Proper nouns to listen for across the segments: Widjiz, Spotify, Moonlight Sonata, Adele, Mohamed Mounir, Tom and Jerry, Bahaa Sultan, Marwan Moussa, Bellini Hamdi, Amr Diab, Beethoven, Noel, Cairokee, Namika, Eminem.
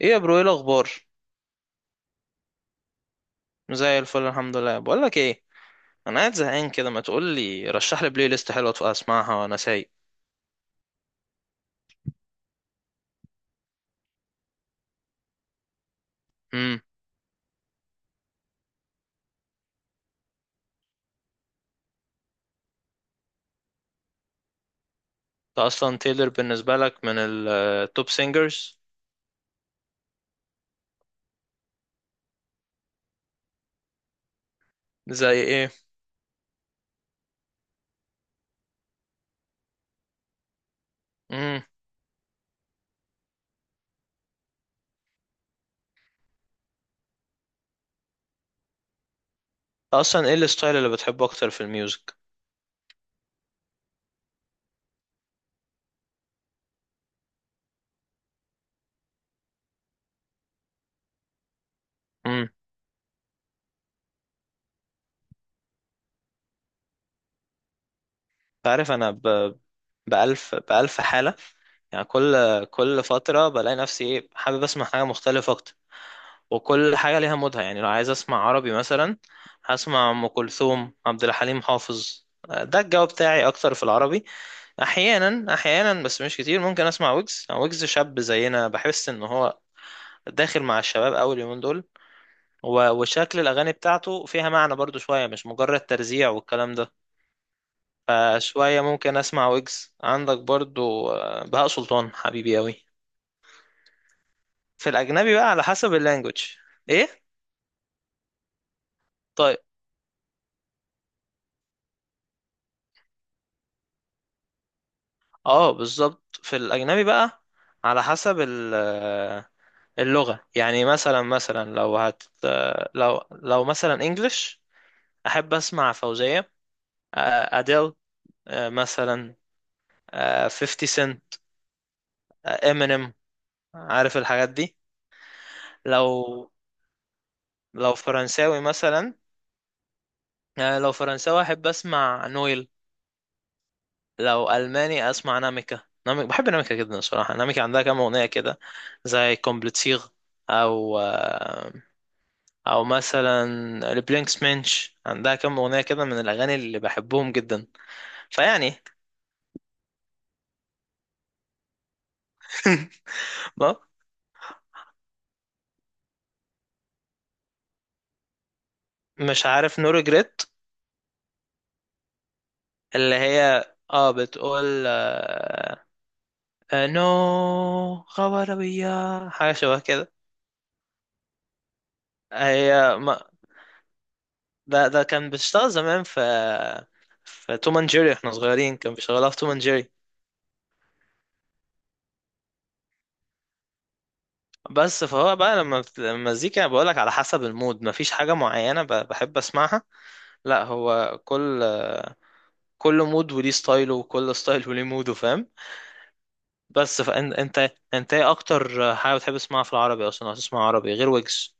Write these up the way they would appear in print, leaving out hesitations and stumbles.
ايه يا برو، ايه الاخبار؟ زي الفل، الحمد لله. بقول لك ايه، انا قاعد زهقان كده، ما تقول لي رشح لي بلاي ليست حلوه تبقى اسمعها وانا سايق. امم انت اصلا تايلر بالنسبه لك من التوب سينجرز؟ زي ايه؟ انت اصلا ايه الستايل اللي بتحبه اكتر في الميوزك؟ امم انت عارف انا بألف بألف حاله، يعني كل فتره بلاقي نفسي ايه، حابب اسمع حاجه مختلفه اكتر، وكل حاجة ليها مودها. يعني لو عايز أسمع عربي مثلا، هسمع أم كلثوم، عبد الحليم حافظ، ده الجو بتاعي أكتر في العربي. أحيانا أحيانا بس مش كتير ممكن أسمع ويجز، يعني ويجز شاب زينا، بحس إن هو داخل مع الشباب أوي اليومين دول. وشكل الأغاني بتاعته فيها معنى برضو شوية، مش مجرد ترزيع والكلام ده. فشوية ممكن أسمع ويجز. عندك برضو بهاء سلطان حبيبي أوي. في الأجنبي بقى على حسب اللانجوج. إيه؟ طيب. اه بالظبط في الاجنبي بقى على حسب اللغه. يعني مثلا لو هت آه، لو لو مثلا انجلش، احب اسمع فوزيه، اديل، مثلا 50 سنت، امينيم. عارف الحاجات دي؟ لو لو فرنساوي مثلا لو فرنساوي احب اسمع نويل. لو الماني اسمع ناميكا. ناميكا، بحب ناميكا جدا الصراحه. ناميكا عندها كام اغنيه كده زي كومبليتسيغ، او آه، او مثلا البلينكس منش، عندها كام اغنيه كده من الاغاني اللي بحبهم جدا. فيعني ما- مش عارف نو ريجريت، اللي هي اه، بتقول نو غواربية، حاجه شبه كده. هي ما ده كان بيشتغل زمان في توم اند جيري، احنا صغيرين كان بيشغلها في توم اند جيري. بس فهو بقى لما المزيكا، بقولك على حسب المود، مفيش حاجة معينة بحب اسمعها. لا هو كل مود وليه ستايله، وكل ستايل وليه موده، فاهم؟ بس فانت انت انت ايه اكتر حاجه بتحب تسمعها في العربي اصلا، لو هتسمع عربي غير ويجز؟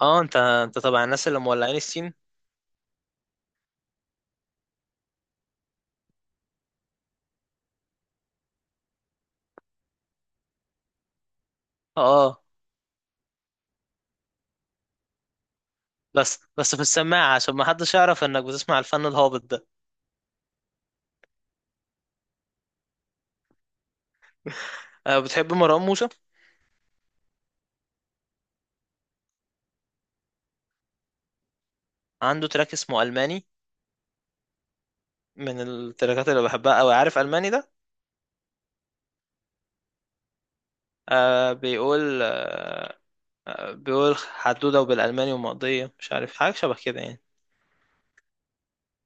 اه، انت طبعا الناس اللي مولعين السين. اه آه. بس في السماعه عشان ما حدش يعرف انك بتسمع الفن الهابط ده. آه، بتحب مروان موسى؟ عنده تراك اسمه الماني، من التراكات اللي بحبها قوي. عارف الماني ده؟ آه بيقول آه آه، بيقول حدوده وبالالماني ومقضيه، مش عارف، حاجه شبه كده يعني.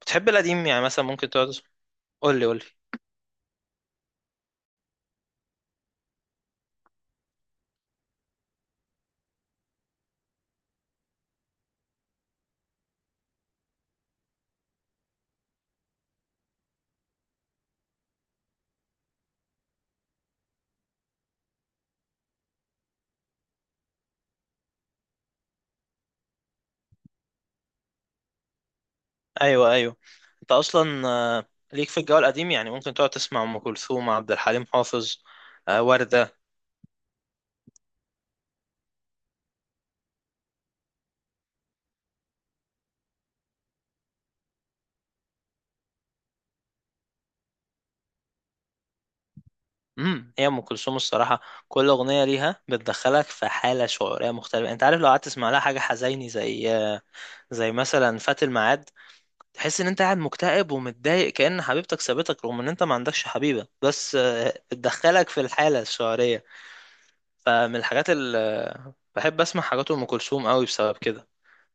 بتحب القديم؟ يعني مثلا ممكن تقعد، قول لي، قول لي. ايوه، ايوه. انت اصلا ليك في الجو القديم؟ يعني ممكن تقعد تسمع ام كلثوم، عبد الحليم حافظ، وردة. هي ام كلثوم الصراحه كل اغنيه ليها بتدخلك في حاله شعوريه مختلفه، انت عارف؟ لو قعدت تسمع لها حاجه حزيني زي زي مثلا فات الميعاد، تحس ان انت قاعد مكتئب ومتضايق كأن حبيبتك سابتك، رغم ان انت ما عندكش حبيبه، بس بتدخلك في الحاله الشعوريه. فمن الحاجات اللي بحب اسمع حاجات ام كلثوم قوي بسبب كده،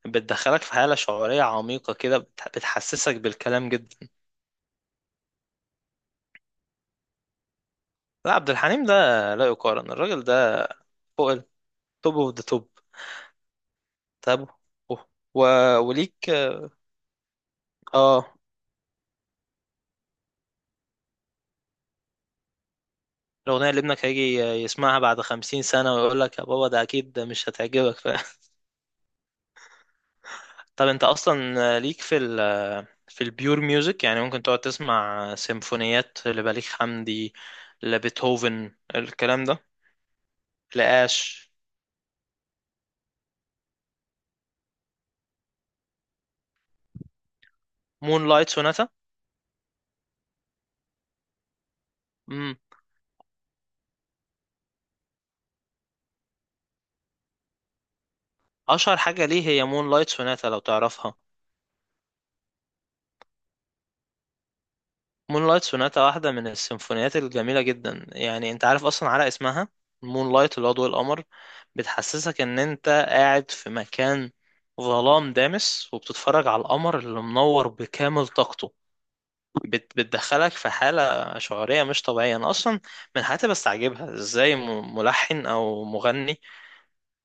بتدخلك في حالة شعورية عميقة كده، بتحسسك بالكلام جدا. لا عبد الحليم ده لا يقارن، الراجل ده فوق. التوب اوف ذا توب. تابو. أوه. و... وليك اه. الأغنية اللي ابنك هيجي يسمعها بعد 50 سنة ويقول لك يا بابا، ده أكيد ده مش هتعجبك طب أنت أصلا ليك في في البيور ميوزك، يعني ممكن تقعد تسمع سيمفونيات لبليغ حمدي، لبيتهوفن، الكلام ده؟ لآش. مون لايت سوناتا، اشهر حاجه ليه هي مون لايت سوناتا، لو تعرفها. مون لايت سوناتا واحده من السيمفونيات الجميله جدا. يعني انت عارف اصلا على اسمها، مون لايت اللي هو ضوء القمر، بتحسسك ان انت قاعد في مكان ظلام دامس، وبتتفرج على القمر اللي منور بكامل طاقته، بتدخلك في حاله شعوريه مش طبيعيه. انا اصلا من الحاجات اللي بستعجبها، ازاي ملحن او مغني،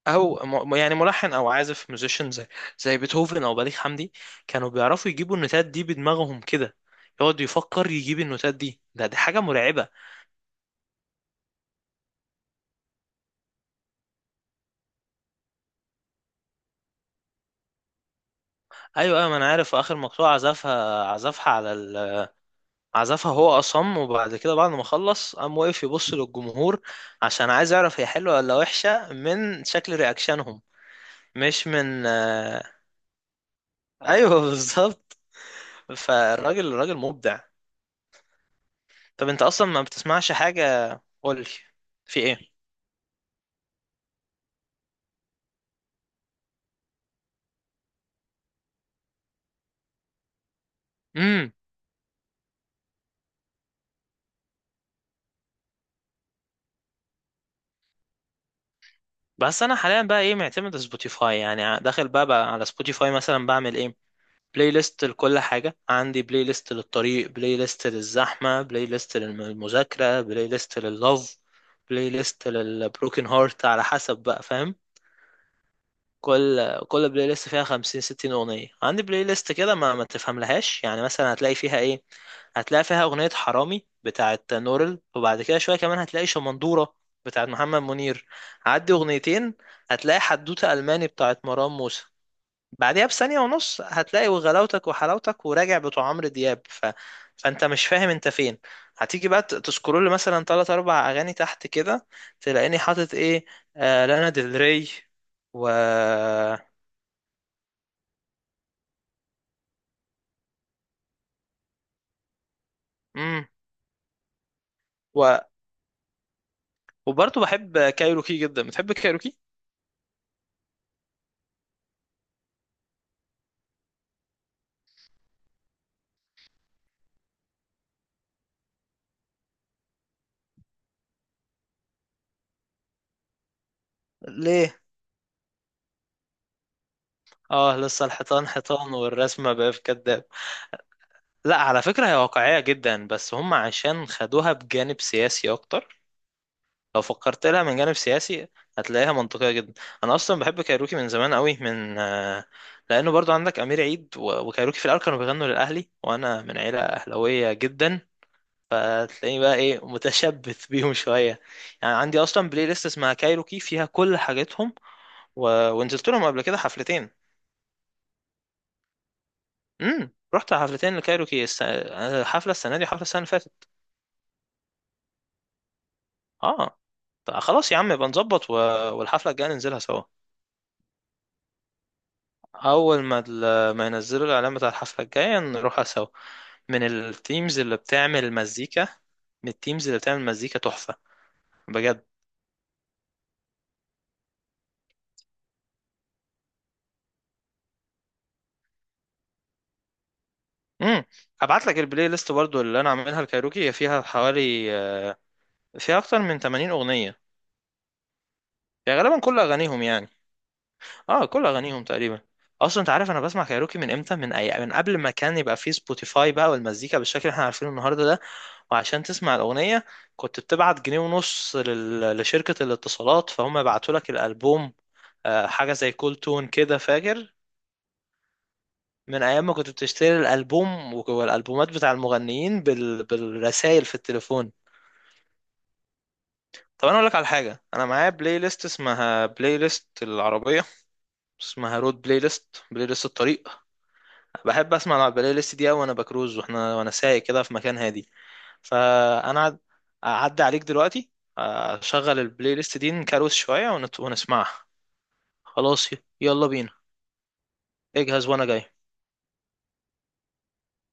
او يعني ملحن او عازف ميوزيشن زي، بيتهوفن او بليغ حمدي، كانوا بيعرفوا يجيبوا النوتات دي بدماغهم كده، يقعد يفكر يجيب النوتات دي، دي حاجه مرعبه. ايوه ايوه، ما انا عارف. في اخر مقطوعه عزفها هو اصم، وبعد كده بعد ما خلص قام واقف يبص للجمهور عشان عايز يعرف هي حلوه ولا وحشه من شكل رياكشنهم، مش من. ايوه، بالظبط. فالراجل مبدع. طب انت اصلا ما بتسمعش حاجه؟ قولي، في ايه؟ بس انا حاليا بقى ايه، معتمد سبوتيفاي. يعني داخل بقى على سبوتيفاي، مثلا بعمل ايه؟ بلاي ليست لكل حاجة. عندي بلاي ليست للطريق، بلاي ليست للزحمة، بلاي ليست للمذاكرة، بلاي ليست لللوف، بلاي ليست للبروكن هارت، على حسب بقى، فاهم؟ كل بلاي ليست فيها 50 60 اغنيه. عندي بلاي ليست كده ما تفهملهاش. يعني مثلا هتلاقي فيها ايه؟ هتلاقي فيها اغنيه حرامي بتاعت نورل، وبعد كده شويه كمان هتلاقي شمندوره بتاعت محمد منير، عدي اغنيتين هتلاقي حدوته الماني بتاعت مروان موسى، بعدها بثانية ونص هتلاقي وغلاوتك وحلاوتك وراجع بتوع عمرو دياب، فانت مش فاهم انت فين. هتيجي بقى تسكرول مثلا تلات اربع اغاني تحت كده، تلاقيني حاطط ايه؟ آه، لانا ديل ري، و مم. و... وبرضه بحب كايروكي جدا. بتحب كايروكي؟ ليه؟ اه، لسه الحيطان حيطان، والرسمة بقى في كداب. لا، على فكرة هي واقعية جدا، بس هم عشان خدوها بجانب سياسي اكتر. لو فكرت لها من جانب سياسي، هتلاقيها منطقية جدا. انا اصلا بحب كايروكي من زمان قوي، من لانه برضو عندك امير عيد، وكايروكي في الاول كانوا بيغنوا للاهلي، وانا من عيلة اهلاوية جدا، فتلاقيني بقى ايه، متشبث بيهم شوية. يعني عندي اصلا بلاي ليست اسمها كايروكي فيها كل حاجاتهم، ونزلت لهم قبل كده حفلتين. رحت حفلتين لكايروكي، حفلة السنة دي وحفلة السنة اللي فاتت. اه. طب خلاص يا عم، يبقى نظبط، والحفلة الجاية ننزلها سوا. اول ما ما ينزلوا الاعلان بتاع الحفله الجايه، نروحها سوا. من التيمز اللي بتعمل مزيكا، من التيمز اللي بتعمل مزيكا تحفه، بجد. امم هبعت لك البلاي ليست برضو اللي انا عاملها الكايروكي، هي فيها حوالي فيها اكتر من 80 اغنيه، يعني غالبا كل اغانيهم. يعني اه، كل اغانيهم تقريبا. اصلا انت عارف انا بسمع كايروكي من امتى؟ من قبل ما كان يبقى فيه سبوتيفاي بقى، والمزيكا بالشكل اللي احنا عارفينه النهارده ده. وعشان تسمع الاغنيه كنت بتبعت جنيه ونص لشركه الاتصالات فهم يبعتوا لك الالبوم، حاجه زي كول تون كده، فاكر؟ من ايام ما كنت بتشتري الالبوم والالبومات بتاع المغنيين بالرسايل في التليفون. طب انا اقول لك على حاجه، انا معايا بلاي ليست اسمها بلاي ليست العربيه، اسمها رود بلاي ليست، بلاي ليست الطريق. بحب اسمع على البلاي ليست دي أوي وانا بكروز، وانا سايق كده في مكان هادي. فانا هعد- هعدي عليك دلوقتي، اشغل البلاي ليست دي نكروز شوية ونسمعها. خلاص يلا بينا، اجهز وانا جاي.